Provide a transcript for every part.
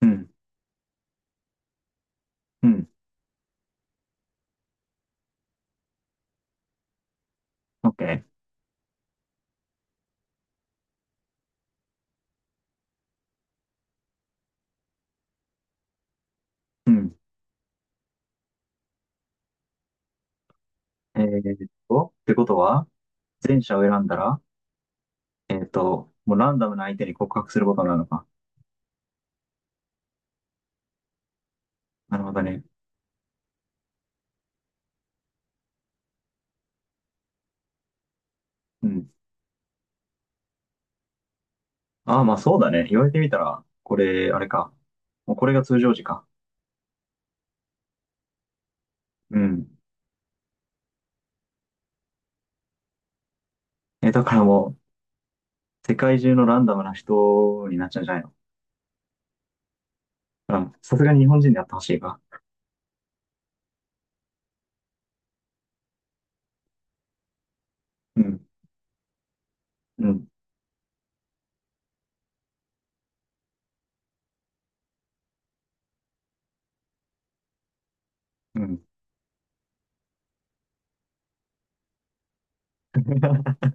うん、うん、オッケー。うん。ってことは、前者を選んだら、もうランダムな相手に告白することになるのか。なるほどね。うん。ああ、まあそうだね。言われてみたら、これ、あれか。もうこれが通常時か。うん。え、だからもう、世界中のランダムな人になっちゃうんじゃないの？うん。さすがに日本人でやってほしいか。うん、うん、うん。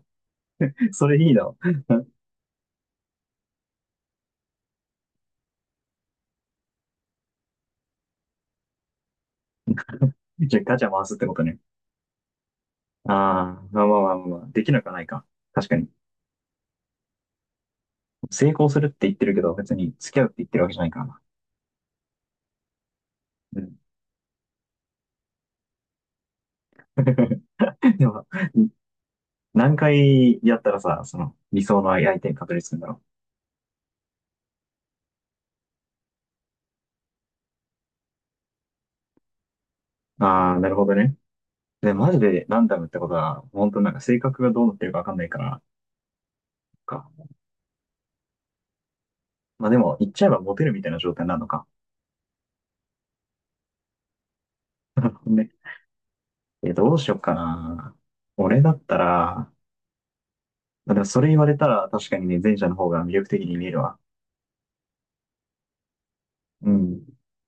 それいいな。じゃあガチャ回すってことね。ああ、まあまあまあまあ、できなくはないか。確かに。成功するって言ってるけど、別に付き合うって言ってるわけじゃないからな。うん。でも、何回やったらさ、その理想の相手に確立するんだろう。ああ、なるほどね。で、マジでランダムってことは、本当なんか性格がどうなってるかわかんないから、か。まあでも、言っちゃえばモテるみたいな状態になるのか。ね。え、どうしよっかな。俺だったら、まあ、でもそれ言われたら確かにね、前者の方が魅力的に見えるわ。うん。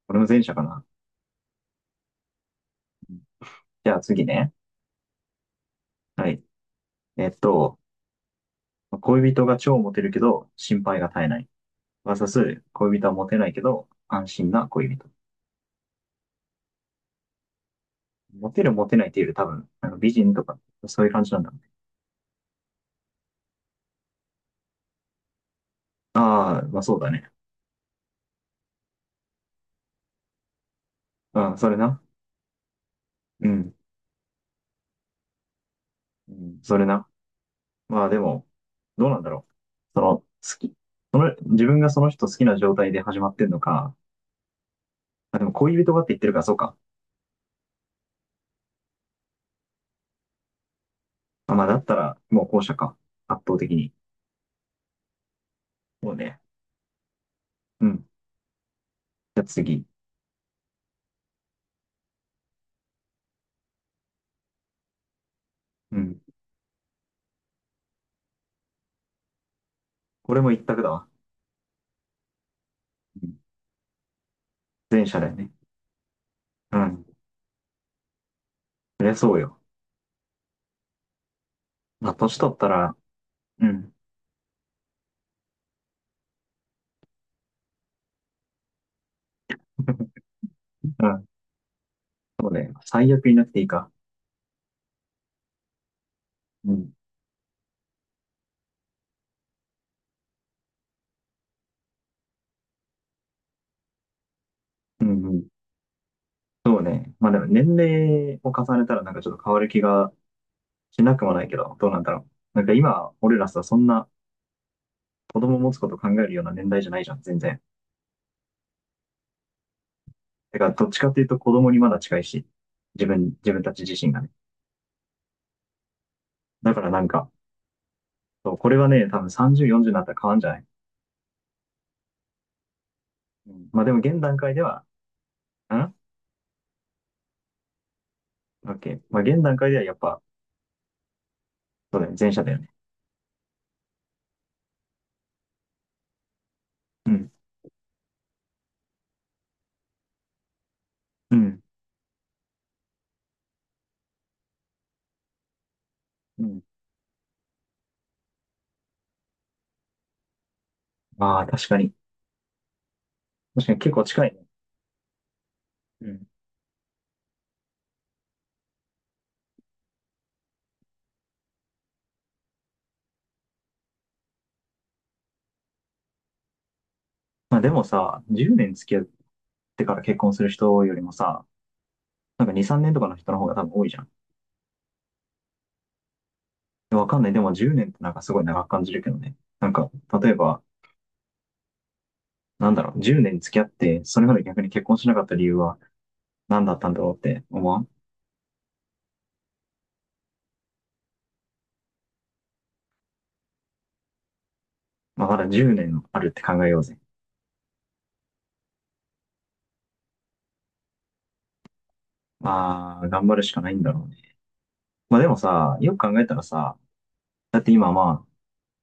俺も前者かな。じゃあ次ね。はい。えっと、恋人が超モテるけど、心配が絶えない。恋人はモテないけど、安心な恋人。モテるモテないっていうより多分、あの美人とか、そういう感じなんだろうね。ああ、まあそうだね。うん、それな。うん。うん、それな。まあでも、どうなんだろう。その、好き。その、自分がその人好きな状態で始まってんのか。まあ、でも恋人がって言ってるから、そうか。まあまあだったら、もう後者か。圧倒的に。もうね。うん。じゃあ次。うん。これも一択だわ。うん。前者だよね。うん。そりゃそうよ。まあ、年取ったら、うん、うん、そうね。最悪いなくていいか。うん、うん、うん。そうね。まあでも年齢を重ねたらなんかちょっと変わる気がしなくもないけど、どうなんだろう。なんか今、俺らさ、そんな子供持つこと考えるような年代じゃないじゃん、全然。だからどっちかっていうと子供にまだ近いし、自分たち自身がね。だからなんか、そう、これはね、多分30、40になったら変わんじゃない。うん、まあでも現段階では、ん、 OK。まあ現段階ではやっぱ、そうだよね、前者だよね。うん、うん、うん。ああ、確かに。確かに結構近いね。うん。まあでもさ、10年付き合ってから結婚する人よりもさ、なんか2、3年とかの人の方が多分多いじゃん。でわかんない。でも10年ってなんかすごい長く感じるけどね。なんか、例えば、なんだろう、10年付き合って、それまで逆に結婚しなかった理由は何だったんだろうって思わん？まあまだ10年あるって考えようぜ。まあ、頑張るしかないんだろうね。まあでもさ、よく考えたらさ、だって今まあ、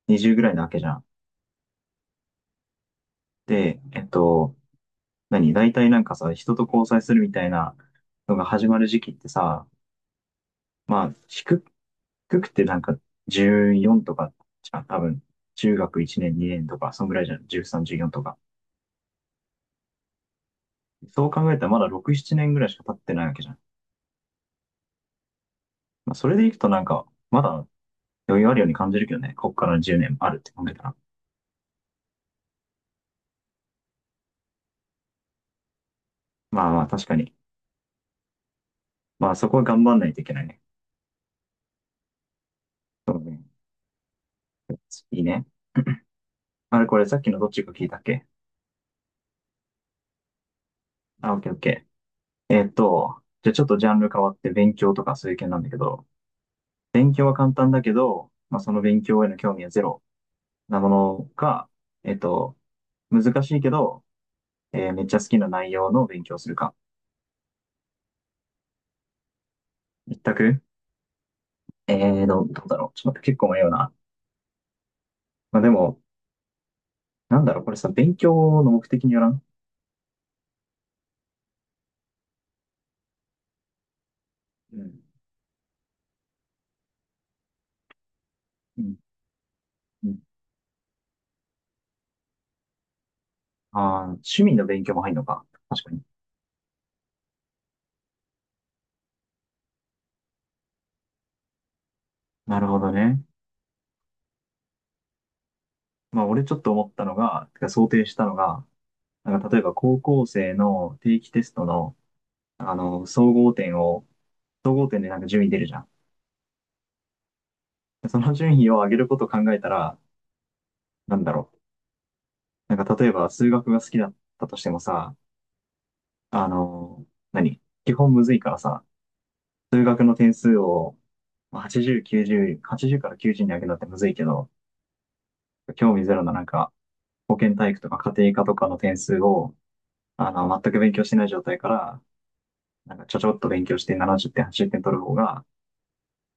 20ぐらいなわけじゃん。で、何大体なんかさ、人と交際するみたいなのが始まる時期ってさ、まあ、低くてなんか14とかじゃん、多分。中学1年、2年とか、そんぐらいじゃん。13、14とか。そう考えたらまだ6、7年ぐらいしか経ってないわけじゃん。まあ、それでいくとなんか、まだ余裕あるように感じるけどね。こっから10年あるって考えたら。まあまあ、確かに。まあ、そこは頑張んないといけないね。そうね。いいね。あれ、これさっきのどっちか聞いたっけ？あ、オッケーオッケー。じゃあちょっとジャンル変わって勉強とかそういう系なんだけど、勉強は簡単だけど、まあ、その勉強への興味はゼロなものか、えっと、難しいけど、めっちゃ好きな内容の勉強をするか。一択。どうだろう。ちょっと待って、結構迷うな。まあ、でも、なんだろう、これさ、勉強の目的によらん？うん。うん。うん。あー、趣味の勉強も入るのか。確かに。なるほどね。まあ、俺ちょっと思ったのが、てか想定したのが、なんか例えば高校生の定期テストのあの、総合点でなんか順位出るじゃん。その順位を上げることを考えたら、なんだろう。なんか例えば数学が好きだったとしてもさ、あの、何基本むずいからさ、数学の点数をまあ80、90、80から90に上げるのってむずいけど、興味ゼロのなんか保健体育とか家庭科とかの点数を、あの、全く勉強してない状態から、なんかちょっと勉強して70点、80点取る方が、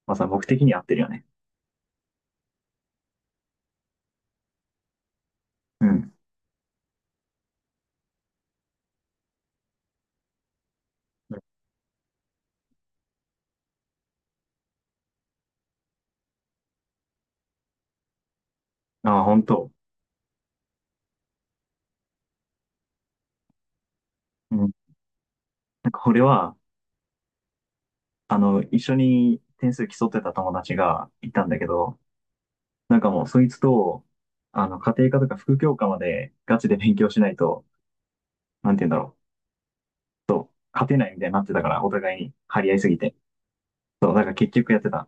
まあさ、僕的に合ってるよね。うん。ああ、本当。うん。なんかこれは、あの、一緒に点数競ってた友達がいたんだけど、なんかもうそいつと、あの、家庭科とか副教科までガチで勉強しないと、なんて言うんだろう、勝てないみたいになってたから、お互いに張り合いすぎて。そう、だから結局やってた。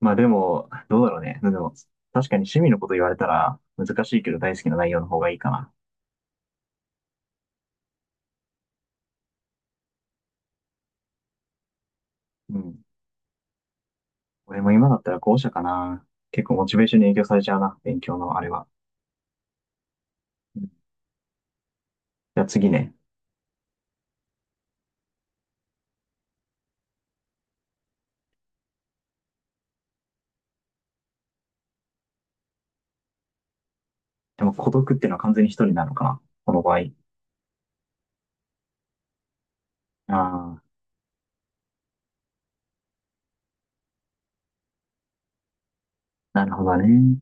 まあでも、どうだろうね。でも、確かに趣味のこと言われたら、難しいけど大好きな内容の方がいいかな。うん。俺も今だったら後者かな。結構モチベーションに影響されちゃうな、勉強のあれは。うん。じゃあ次ね。でも孤独っていうのは完全に一人なのかな、この場合。ああ。なるほどね。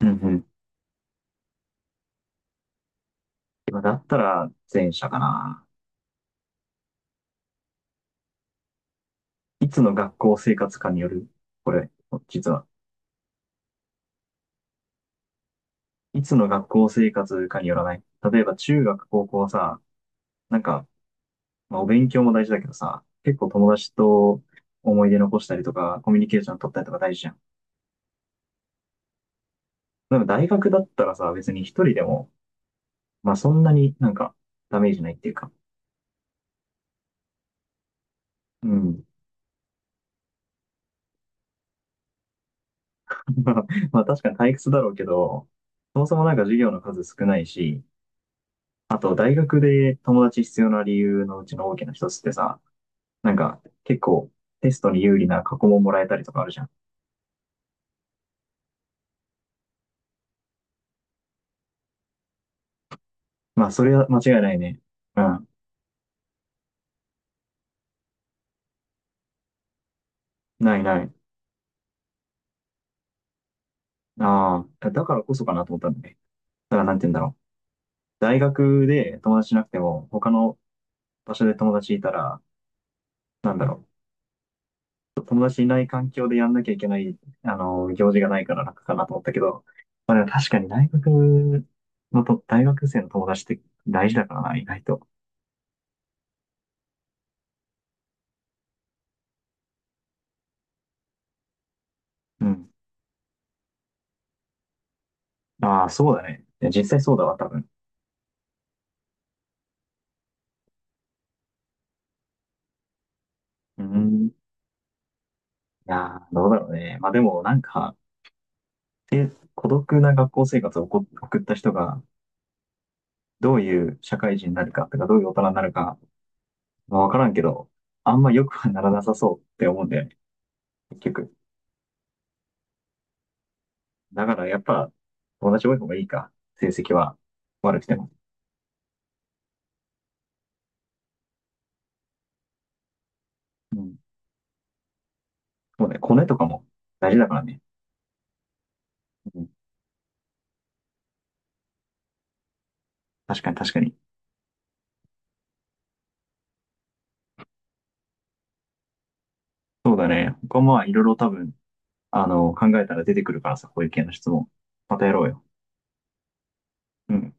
うんうん。まあだったら前者かな。いつの学校生活かによる。これ、実は。いつの学校生活かによらない。例えば中学、高校はさ、なんか、まあ、お勉強も大事だけどさ、結構友達と思い出残したりとか、コミュニケーション取ったりとか大事じゃん。でも大学だったらさ、別に一人でも、まあそんなになんかダメージないっていうか。うん。まあ確かに退屈だろうけど、そもそもなんか授業の数少ないし、あと、大学で友達必要な理由のうちの大きな一つってさ、なんか結構テストに有利な過去問もらえたりとかあるじゃん。まあ、それは間違いないね。うん。ないない。ああ、だからこそかなと思ったんだね。だからなんて言うんだろう。大学で友達いなくても、他の場所で友達いたら、なんだろう。友達いない環境でやんなきゃいけない、あの、行事がないから楽かなと思ったけど、まあでも確かに大学のと、大学生の友達って大事だからな、意外と。うん。ああ、そうだね。いや実際そうだわ、多分。うん。いやー、どうだろうね。まあでも、なんか、で孤独な学校生活を送った人が、どういう社会人になるかとか、どういう大人になるか、まあ、わからんけど、あんま良くはならなさそうって思うんだよね、結局。だからやっぱ、友達多い方がいいか。成績は悪くても。うん。そうね、コネとかも大事だからね。うん。確かに確かに。そうだね。他もまあいろいろ多分、あの、考えたら出てくるからさ、こういう系の質問。またやろうよ。うん。